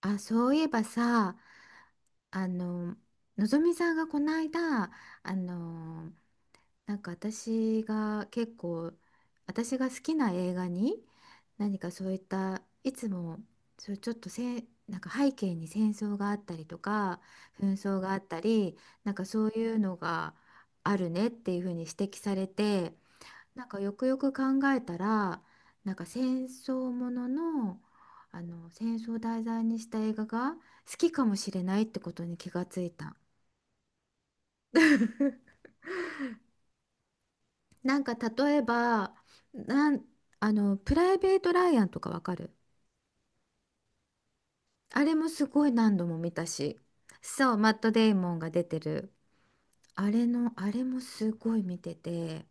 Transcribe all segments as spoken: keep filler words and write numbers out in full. あ、そういえばさ、あの、のぞみさんがこの間、あの、なんか私が結構、私が好きな映画に、何かそういった、いつも、そう、ちょっとせん、なんか背景に戦争があったりとか、紛争があったり、なんかそういうのがあるねっていうふうに指摘されて、なんかよくよく考えたらなんか戦争ものの、あの戦争を題材にした映画が好きかもしれないってことに気がついた。なんか例えばなんあのプライベート・ライアンとかわかる？あれもすごい何度も見たし。そうマット・デイモンが出てる。あれのあれもすごい見てて、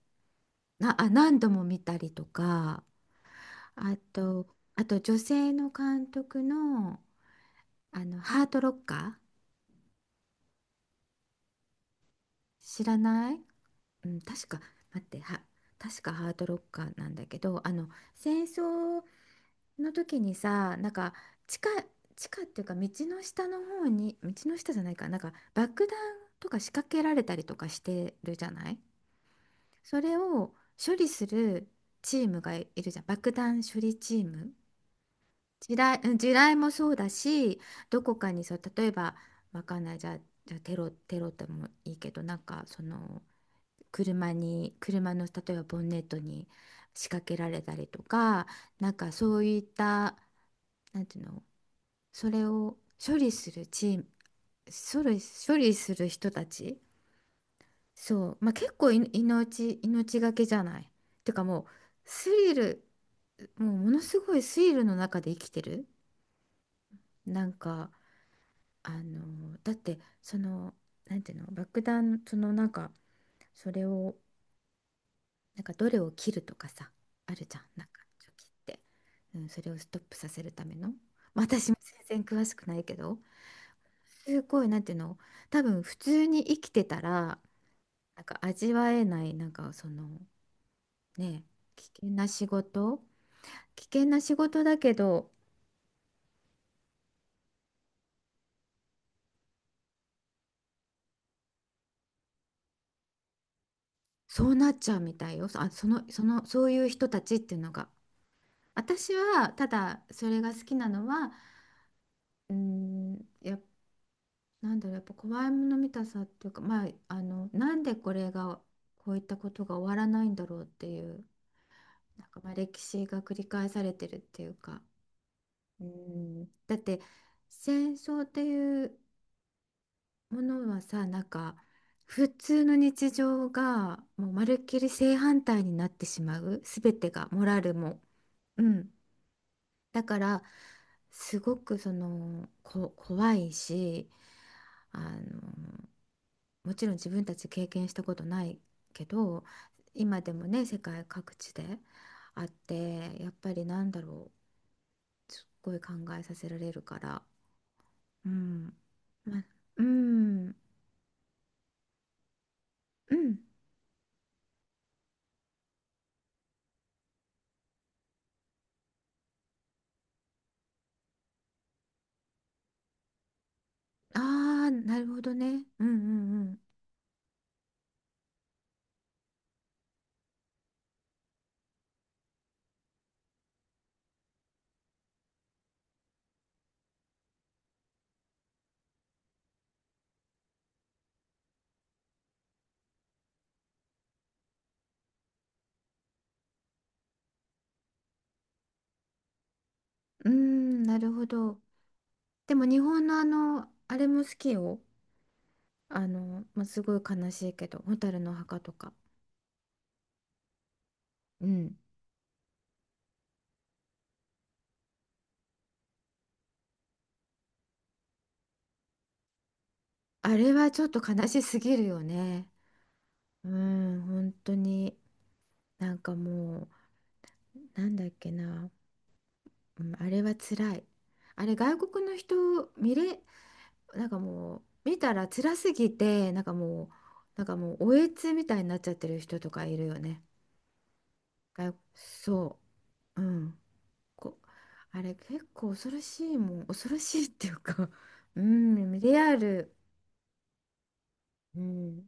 なあ何度も見たりとか。あとあと女性の監督の、あのハート・ロッカー。知らない。うん、確か、待って、は、確かハードロッカーなんだけど、あの、戦争の時にさ、なんか、地下、地下っていうか、道の下の方に、道の下じゃないか、なんか、爆弾とか仕掛けられたりとかしてるじゃない。それを処理するチームがいるじゃん。爆弾処理チーム。地雷、うん、地雷もそうだし、どこかにそう、例えば、わかんない、じゃあ、じゃあテロ、テロでもいいけど、なんか、その、車に車の例えばボンネットに仕掛けられたりとか、なんかそういった、なんていうの、それを処理するチーム、処理、処理する人たち。そう、まあ結構い命命がけじゃない。てかもうスリルもうものすごいスリルの中で生きてる。なんか、あのだって、そのなんていうの、爆弾、そのなんか、それを、なんか、どれを切るとかさ、あるじゃん、なんかちょっと切って、うん、それをストップさせるための。まあ私も全然詳しくないけど、すごい、なんていうの、多分普通に生きてたらなんか味わえない、なんかその、ね、危険な仕事危険な仕事だけど、そうなっちゃうみたいよ。あその、そのそういう人たちっていうのが。私はただそれが好きなのは、うん、やっなんだろう、やっぱ怖いもの見たさっていうか、まあ、あの、なんでこれが、こういったことが終わらないんだろうっていう、なんか、まあ歴史が繰り返されてるっていうか。うん、だって戦争っていうものはさ、なんか普通の日常がもうまるっきり正反対になってしまう、すべてが、モラルも。うん。だから、すごく、その、こ、怖いし、あのもちろん自分たち経験したことないけど、今でもね世界各地であって、やっぱりなんだろう、すっごい考えさせられるから。うん。まあ。うん。うん。ああー、なるほどね。うんうん。うんうん、なるほど。でも日本のあのあれも好きよ。あの、まあ、すごい悲しいけど「蛍の墓」とか。うん、あれはちょっと悲しすぎるよね。うん、本当に。なんかもう、なんだっけな、うん、あれは辛い。あれ、外国の人見れ、なんかもう見たら辛すぎて、なんかもう、なんかもう、おえつみたいになっちゃってる人とかいるよね。外そう。うん。こ、あれ結構恐ろしいもん。恐ろしいっていうか、 うん、リアル。うん。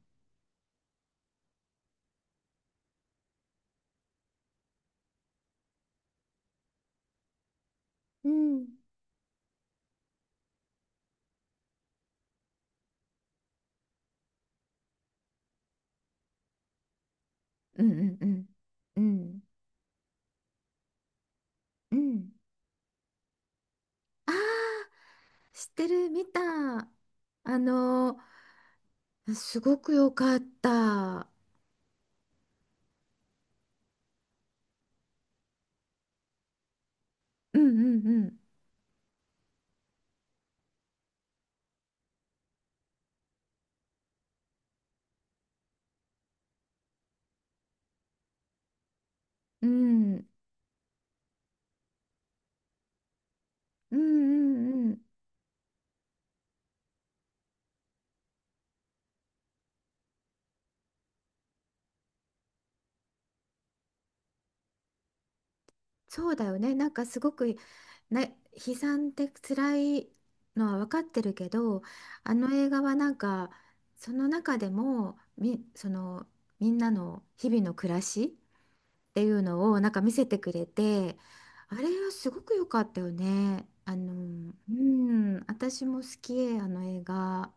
うん。うんうんうん。うん。うん。ああ、知ってる、見た。あのすごく良かった。うんうんうん。うん。うんうんうん。そうだよね。なんかすごくね、悲惨で辛いのは分かってるけど、あの映画はなんか、その中でも、み、そのみんなの日々の暮らしっていうのをなんか見せてくれて、あれはすごく良かったよね。あの、うん、私も好き、あの映画。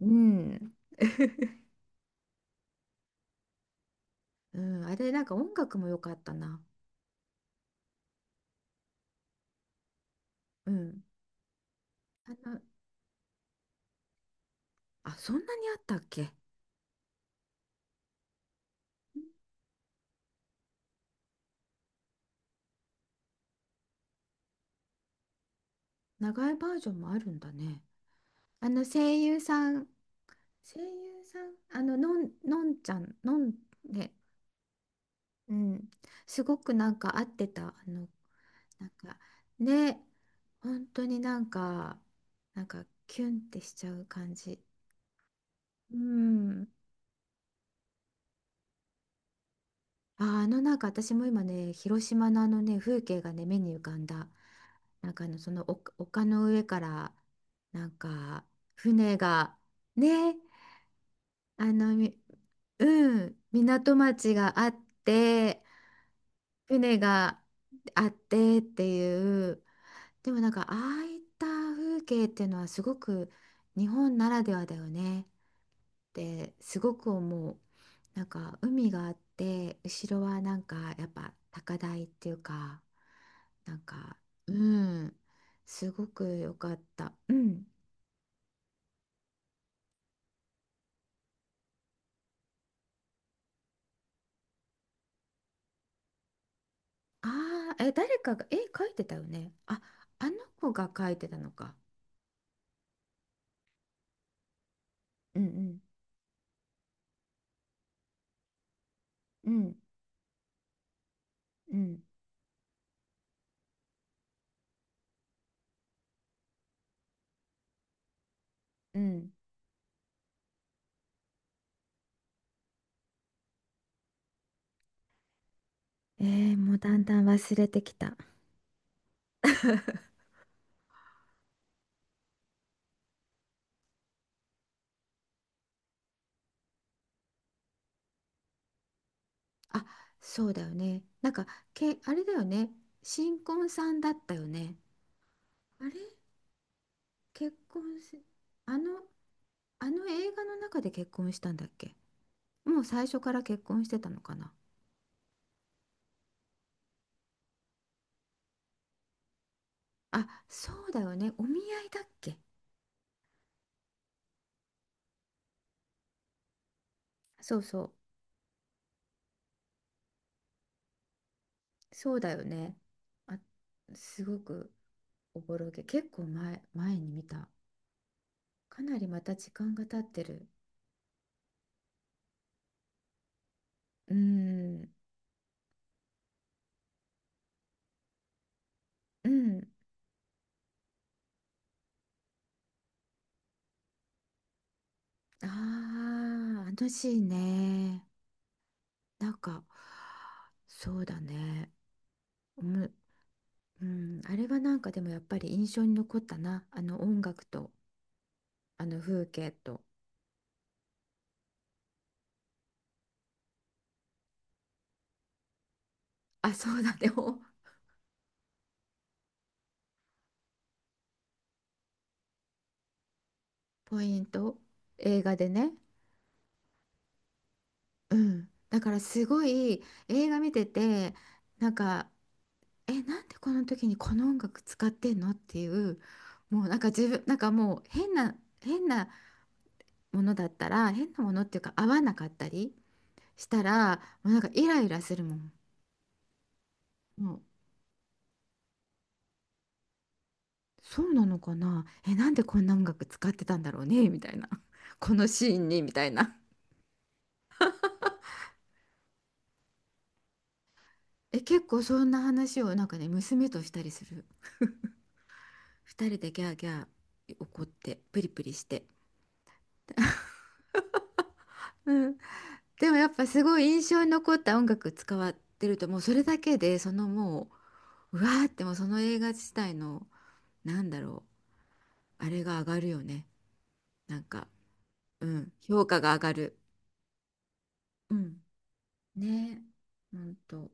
うん。うん、あれ、なんか音楽も良かったな。うん。あの、あ、そんなにあったっけ？長いバージョンもあるんだね。あの、声優さん、声優さん、あの、のん、のんちゃん、のん、ね。うん。すごくなんか合ってた。あの、なんか、ね、本当になんか、なんか、キュンってしちゃう感じ。うん。あ、あのなんか私も今ね、広島のあのね、風景がね、目に浮かんだ。なんか、あの、その丘丘の上から、なんか、船が、ね、あの、みうん、港町があって、船があってっていう、でもなんか、ああいった風景っていうのはすごく日本ならではだよねって、すごく思う。なんか、海があって、後ろはなんか、やっぱ高台っていうか、なんか、うん、すごく良かった。うん。ああ、え、誰かが絵描いてたよね。あ、あの子が描いてたのか。うんうんうん。うんうん。えー、もうだんだん忘れてきた。あ、そうだよね。なんか、け、あれだよね。新婚さんだったよね。あれ結婚し、あの、あの映画の中で結婚したんだっけ？もう最初から結婚してたのかな？あ、そうだよね。お見合いだっけ？そうそう。そうだよね。あ、すごくおぼろげ。結構前、前に見た。かなりまた時間が経ってる。うーん、うん。ああ、あのシーンね。なんか、そうだね。おもうん、あれはなんかでもやっぱり印象に残ったな。あの音楽と、あの風景と。あ、そうだね。おポイント。映画でね。うん。だからすごい映画見てて、なんか、え、なんでこの時にこの音楽使ってんのっていう、もうなんか自分、なんかもう変な、変なものだったら、変なものっていうか合わなかったりしたら、もうなんかイライラするもん。もう、そうなのかな。え、なんでこんな音楽使ってたんだろうね、みたいな。このシーンに、みたいな。え、結構そんな話をなんかね、娘としたりする。ふたりでギャーギャー怒って、プリプリして。でもやっぱすごい印象に残った音楽使わってると、もうそれだけで、そのもう、うわーって、もうその映画自体の、なんだろう、あれが上がるよね、なんか。うん、評価が上がる。うん、ねえ、ほんと。